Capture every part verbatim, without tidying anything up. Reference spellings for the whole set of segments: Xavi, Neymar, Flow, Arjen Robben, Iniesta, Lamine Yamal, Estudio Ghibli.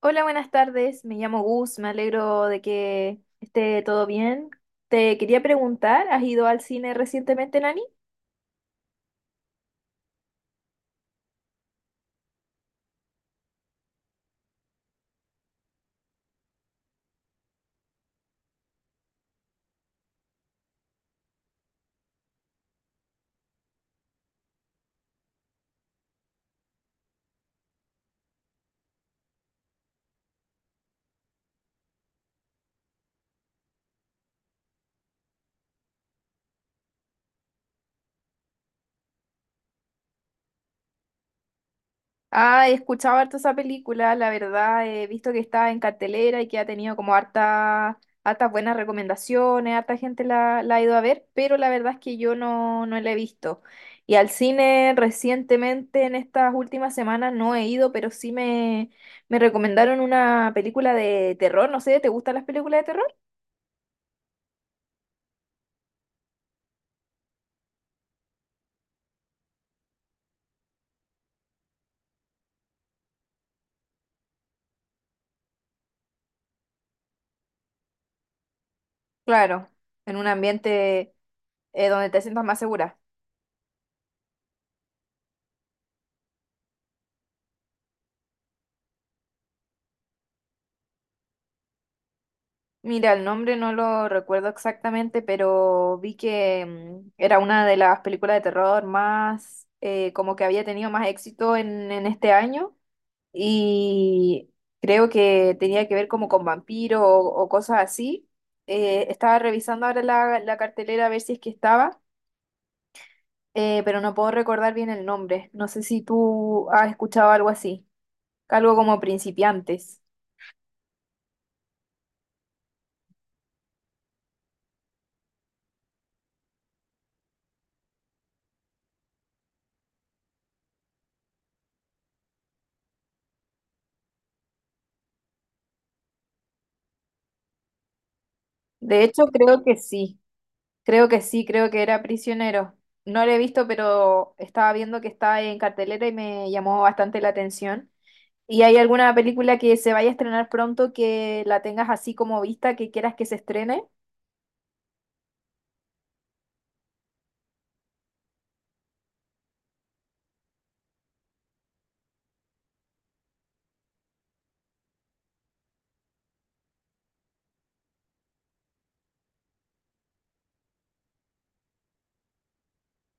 Hola, buenas tardes. Me llamo Gus. Me alegro de que esté todo bien. Te quería preguntar, ¿has ido al cine recientemente, Nani? Ah, he escuchado harto esa película, la verdad, he visto que está en cartelera y que ha tenido como harta, hartas buenas recomendaciones, harta gente la, la ha ido a ver, pero la verdad es que yo no, no la he visto. Y al cine recientemente, en estas últimas semanas, no he ido, pero sí me, me recomendaron una película de terror, no sé, ¿te gustan las películas de terror? Claro, en un ambiente eh, donde te sientas más segura. Mira, el nombre no lo recuerdo exactamente, pero vi que mm, era una de las películas de terror más, eh, como que había tenido más éxito en, en este año y creo que tenía que ver como con vampiros o, o cosas así. Eh, estaba revisando ahora la, la cartelera a ver si es que estaba, eh, pero no puedo recordar bien el nombre. No sé si tú has escuchado algo así, algo como principiantes. De hecho, creo que sí, creo que sí, creo que era Prisionero. No lo he visto, pero estaba viendo que está en cartelera y me llamó bastante la atención. ¿Y hay alguna película que se vaya a estrenar pronto que la tengas así como vista, que quieras que se estrene?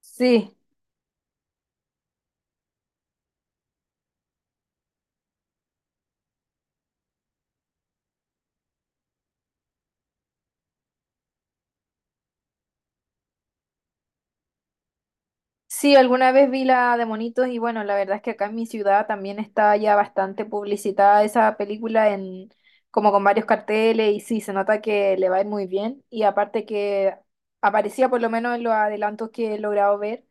Sí. Sí, alguna vez vi la de Monitos y bueno, la verdad es que acá en mi ciudad también está ya bastante publicitada esa película en como con varios carteles y sí, se nota que le va a ir muy bien y aparte que aparecía por lo menos en los adelantos que he logrado ver,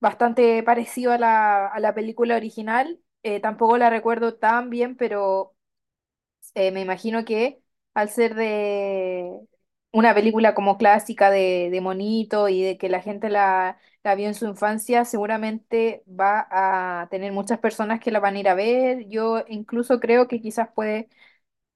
bastante parecido a la, a la película original, eh, tampoco la recuerdo tan bien, pero eh, me imagino que al ser de una película como clásica de, de monito y de que la gente la, la vio en su infancia, seguramente va a tener muchas personas que la van a ir a ver. Yo incluso creo que quizás puede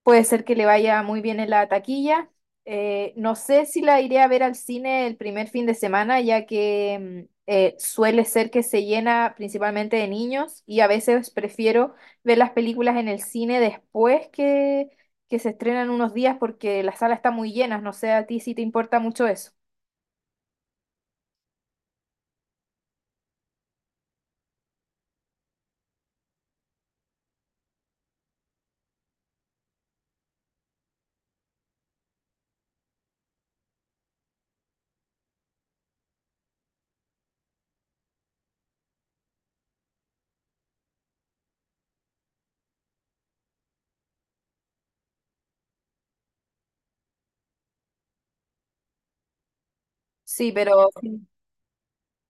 Puede ser que le vaya muy bien en la taquilla. Eh, no sé si la iré a ver al cine el primer fin de semana, ya que mm, eh, suele ser que se llena principalmente de niños y a veces prefiero ver las películas en el cine después que, que se estrenan unos días porque la sala está muy llena. No sé a ti si te importa mucho eso. Sí, pero...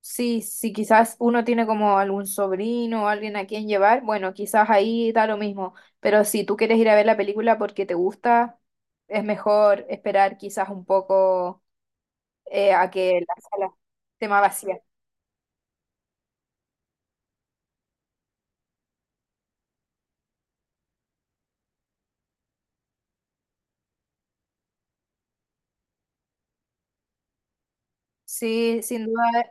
Sí, si quizás uno tiene como algún sobrino o alguien a quien llevar, bueno, quizás ahí da lo mismo, pero si tú quieres ir a ver la película porque te gusta, es mejor esperar quizás un poco eh, a que la sala esté más vacía. Sí, sin duda,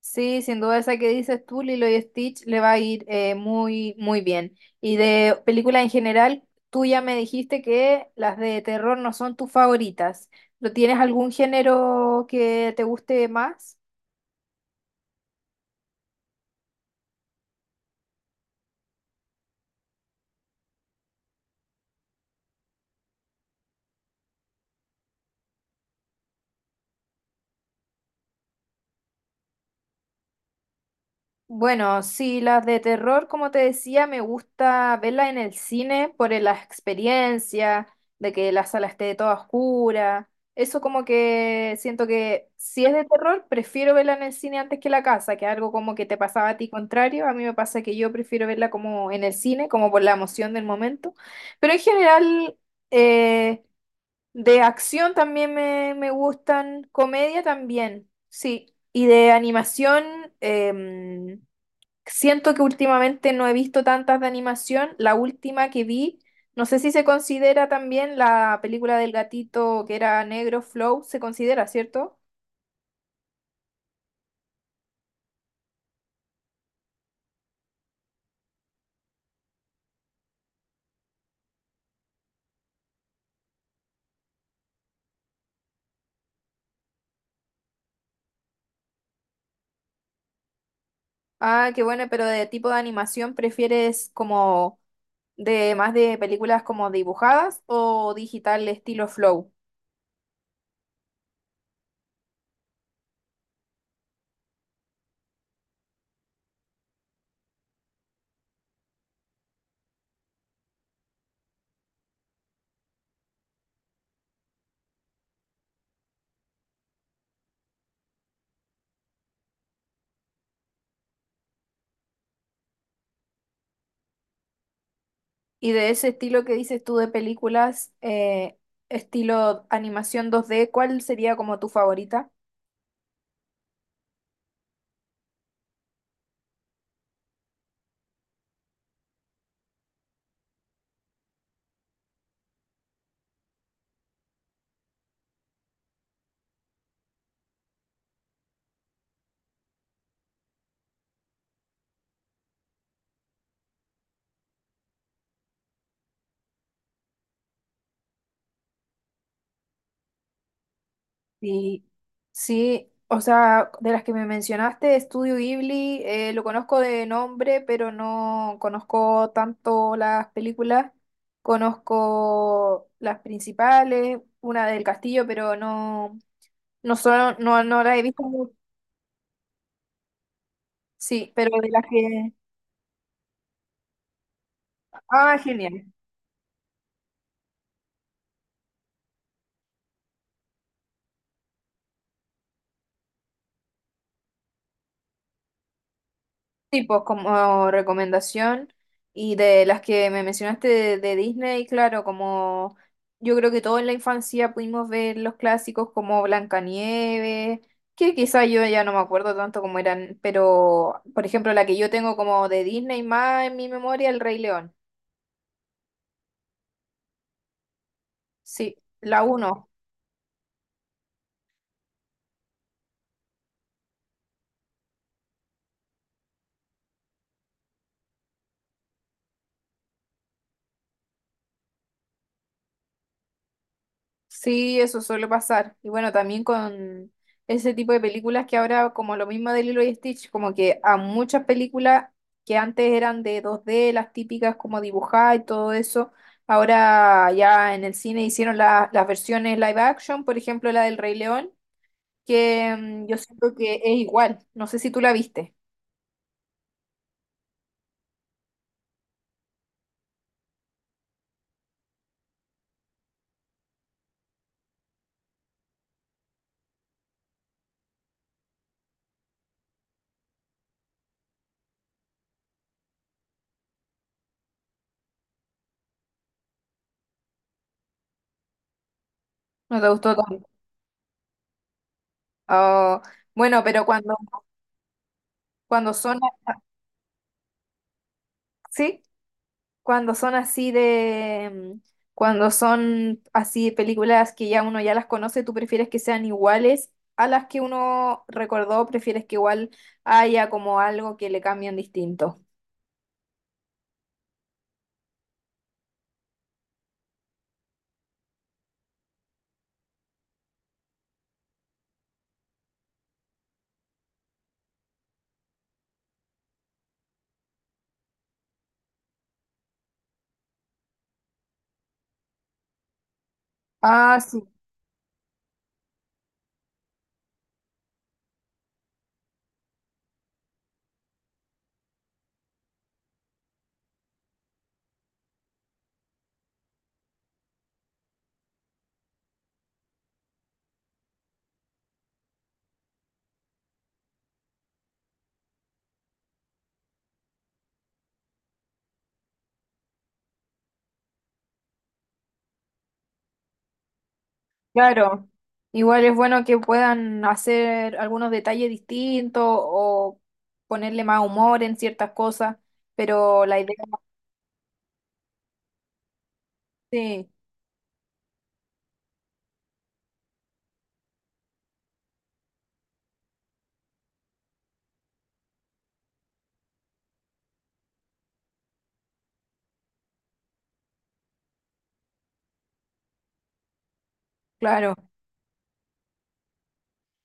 sí, sin duda esa que dices tú, Lilo y Stitch, le va a ir eh, muy, muy bien. Y de películas en general, tú ya me dijiste que las de terror no son tus favoritas. ¿No tienes algún género que te guste más? Bueno, sí, las de terror, como te decía, me gusta verlas en el cine por el- la experiencia, de que la sala esté toda oscura. Eso como que siento que si es de terror, prefiero verla en el cine antes que en la casa, que algo como que te pasaba a ti contrario. A mí me pasa que yo prefiero verla como en el cine, como por la emoción del momento. Pero en general, eh, de acción también me, me gustan, comedia también, sí. Y de animación... em, siento que últimamente no he visto tantas de animación. La última que vi, no sé si se considera también la película del gatito que era negro, Flow, se considera, ¿cierto? Ah, qué bueno, pero de tipo de animación, ¿prefieres como de más de películas como dibujadas o digital estilo Flow? Y de ese estilo que dices tú de películas, eh, estilo animación dos D, ¿cuál sería como tu favorita? Sí, sí, o sea, de las que me mencionaste, Estudio Ghibli, eh, lo conozco de nombre, pero no conozco tanto las películas. Conozco las principales, una del castillo, pero no, no, solo no, no la he visto mucho. Sí, pero de las que... Ah, genial. Sí, pues como recomendación y de las que me mencionaste de, de Disney, claro, como yo creo que todos en la infancia pudimos ver los clásicos como Blancanieves, que quizá yo ya no me acuerdo tanto cómo eran, pero por ejemplo la que yo tengo como de Disney más en mi memoria, El Rey León. Sí, la uno. Sí, eso suele pasar. Y bueno, también con ese tipo de películas que ahora, como lo mismo de Lilo y Stitch, como que a muchas películas que antes eran de dos d las típicas como dibujadas y todo eso, ahora ya en el cine hicieron la- las versiones live action, por ejemplo la del Rey León, que mm, yo siento que es igual. No sé si tú la viste, no te gustó tanto. Oh, bueno, pero cuando, cuando son... ¿Sí? Cuando son así de, mm, cuando son así películas que ya uno ya las conoce, ¿tú prefieres que sean iguales a las que uno recordó? ¿Prefieres que igual haya como algo que le cambian distinto? Ah, sí, claro. Igual es bueno que puedan hacer algunos detalles distintos o ponerle más humor en ciertas cosas, pero la idea, sí, claro.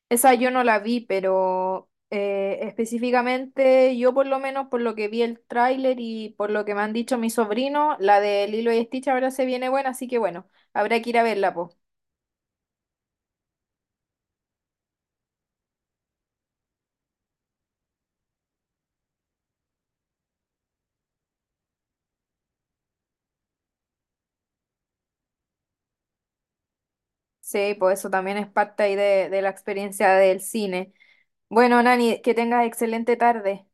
Esa yo no la vi, pero eh, específicamente yo por lo menos por lo que vi el tráiler y por lo que me han dicho mis sobrinos, la de Lilo y Stitch ahora se viene buena, así que bueno, habrá que ir a verla, po. Sí, pues eso también es parte ahí de, de la experiencia del cine. Bueno, Nani, que tengas excelente tarde.